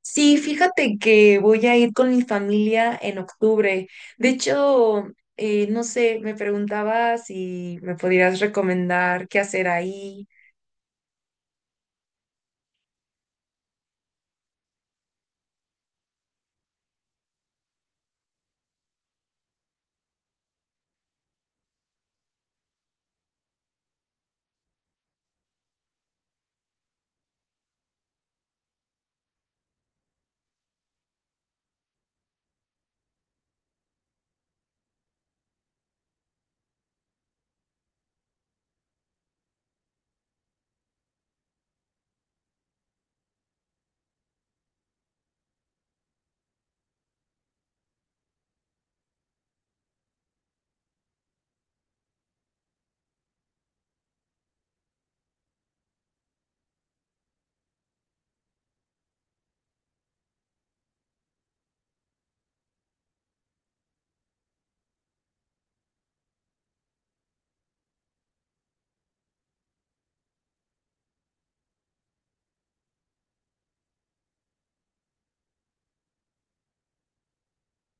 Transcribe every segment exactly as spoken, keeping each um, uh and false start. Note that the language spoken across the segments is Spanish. Sí, fíjate que voy a ir con mi familia en octubre. De hecho, eh, no sé, me preguntaba si me podrías recomendar qué hacer ahí.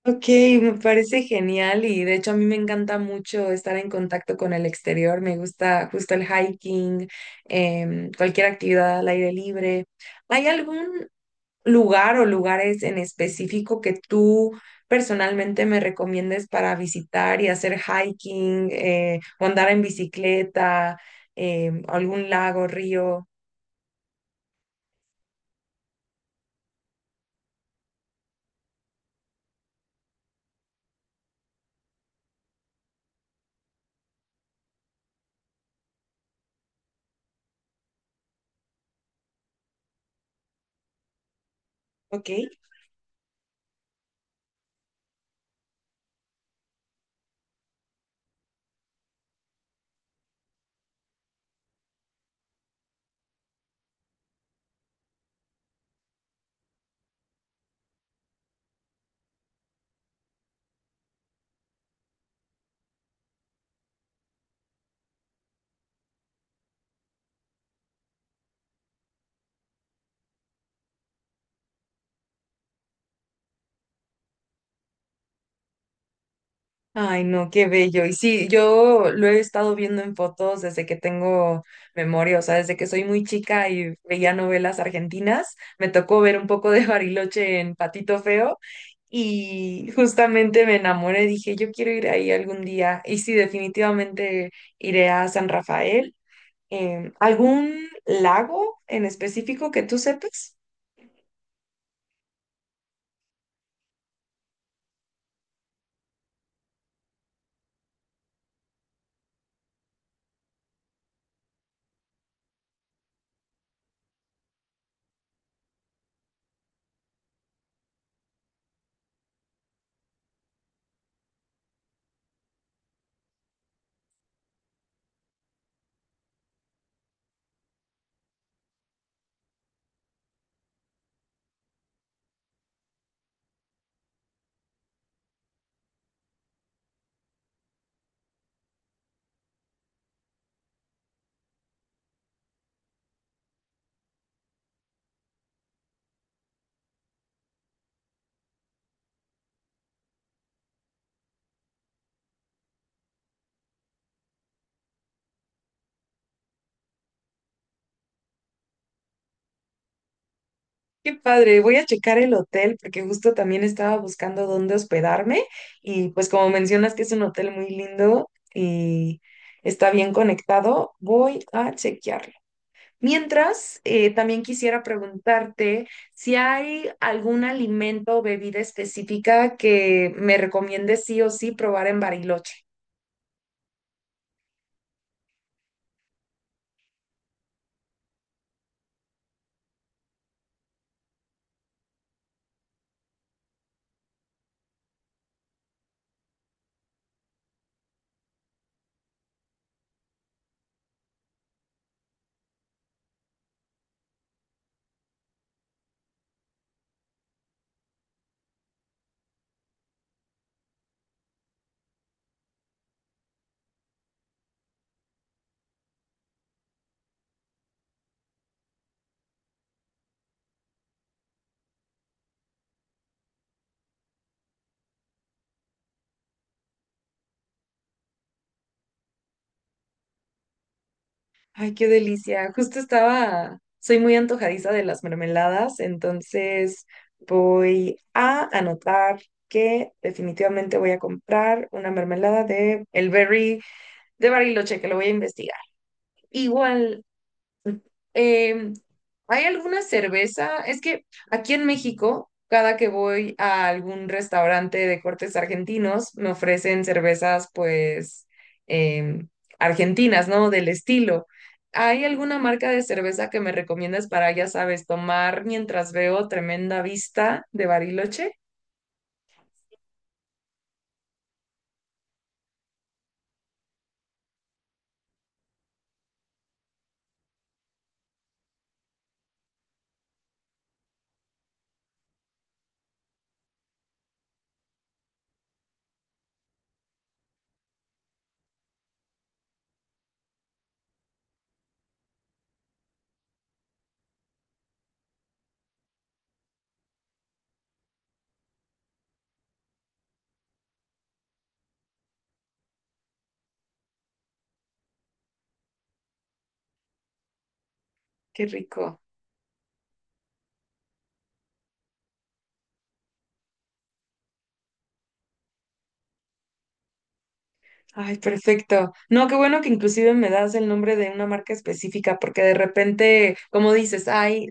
Ok, me parece genial y de hecho a mí me encanta mucho estar en contacto con el exterior. Me gusta justo el hiking, em, cualquier actividad al aire libre. ¿Hay algún lugar o lugares en específico que tú personalmente me recomiendes para visitar y hacer hiking eh, o andar en bicicleta, eh, algún lago, río? Ok. Ay, no, qué bello. Y sí, yo lo he estado viendo en fotos desde que tengo memoria, o sea, desde que soy muy chica y veía novelas argentinas, me tocó ver un poco de Bariloche en Patito Feo y justamente me enamoré, dije, yo quiero ir ahí algún día. Y sí, definitivamente iré a San Rafael. Em, ¿algún lago en específico que tú sepas? Qué padre, voy a checar el hotel porque justo también estaba buscando dónde hospedarme y pues como mencionas que es un hotel muy lindo y está bien conectado, voy a chequearlo. Mientras, eh, también quisiera preguntarte si hay algún alimento o bebida específica que me recomiendes sí o sí probar en Bariloche. Ay, qué delicia. Justo estaba, soy muy antojadiza de las mermeladas, entonces voy a anotar que definitivamente voy a comprar una mermelada de el berry de Bariloche, que lo voy a investigar. Igual em, ¿hay alguna cerveza? Es que aquí en México, cada que voy a algún restaurante de cortes argentinos, me ofrecen cervezas, pues, em, argentinas, ¿no? Del estilo. ¿Hay alguna marca de cerveza que me recomiendas para, ya sabes, tomar mientras veo tremenda vista de Bariloche? Qué rico. Ay, perfecto. No, qué bueno que inclusive me das el nombre de una marca específica, porque de repente, como dices, hay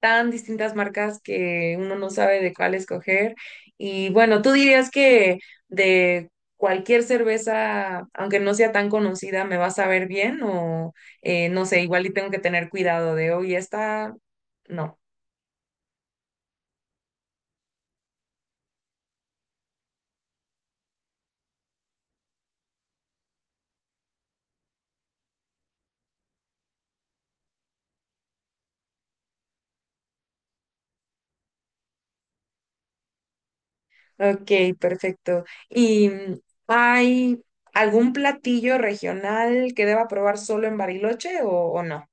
tan distintas marcas que uno no sabe de cuál escoger. Y bueno, tú dirías que de cualquier cerveza, aunque no sea tan conocida, ¿me va a saber bien? O eh, no sé, igual y tengo que tener cuidado de, hoy esta, no. Ok, perfecto. ¿Y mm, hay algún platillo regional que deba probar solo en Bariloche o, o no?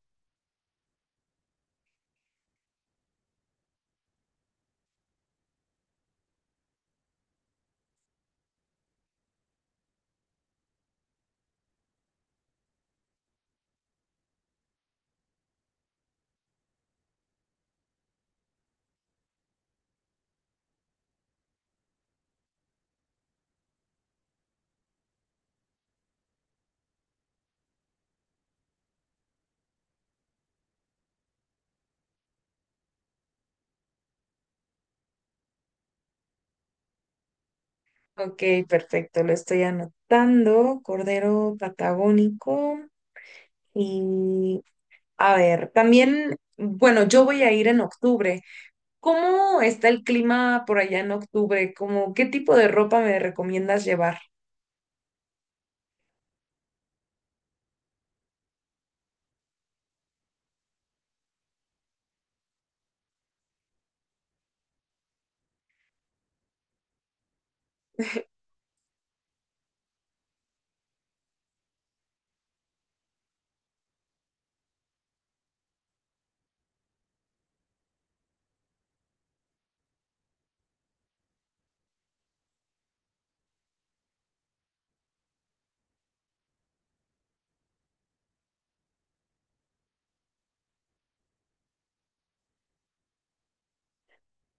Ok, perfecto, lo estoy anotando. Cordero patagónico. Y a ver, también, bueno, yo voy a ir en octubre. ¿Cómo está el clima por allá en octubre? ¿Cómo, qué tipo de ropa me recomiendas llevar?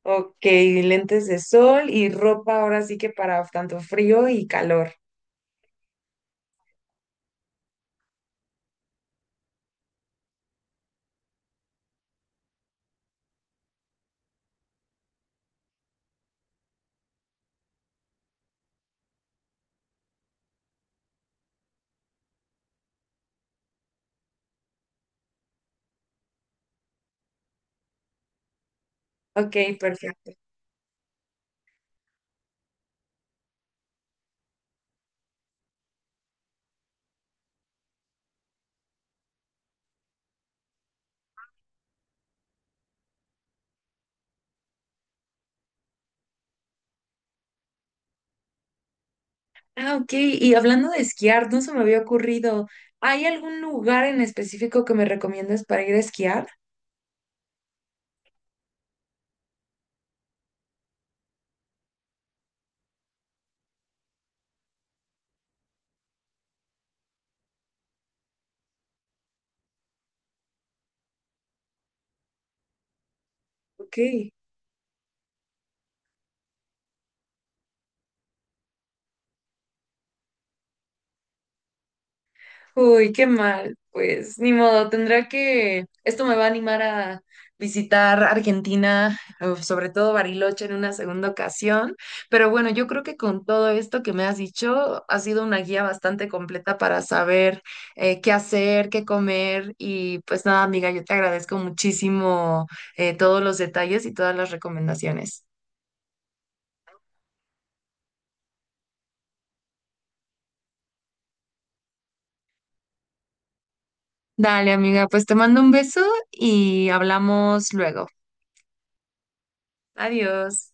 Ok, lentes de sol y ropa ahora sí que para tanto frío y calor. Ok, perfecto. Ah, ok. Y hablando de esquiar, no se me había ocurrido. ¿Hay algún lugar en específico que me recomiendas para ir a esquiar? Ok. Uy, qué mal. Pues ni modo, tendrá que... Esto me va a animar a visitar Argentina, o sobre todo Bariloche en una segunda ocasión. Pero bueno, yo creo que con todo esto que me has dicho, ha sido una guía bastante completa para saber eh, qué hacer, qué comer. Y pues nada, amiga, yo te agradezco muchísimo eh, todos los detalles y todas las recomendaciones. Dale, amiga, pues te mando un beso y hablamos luego. Adiós.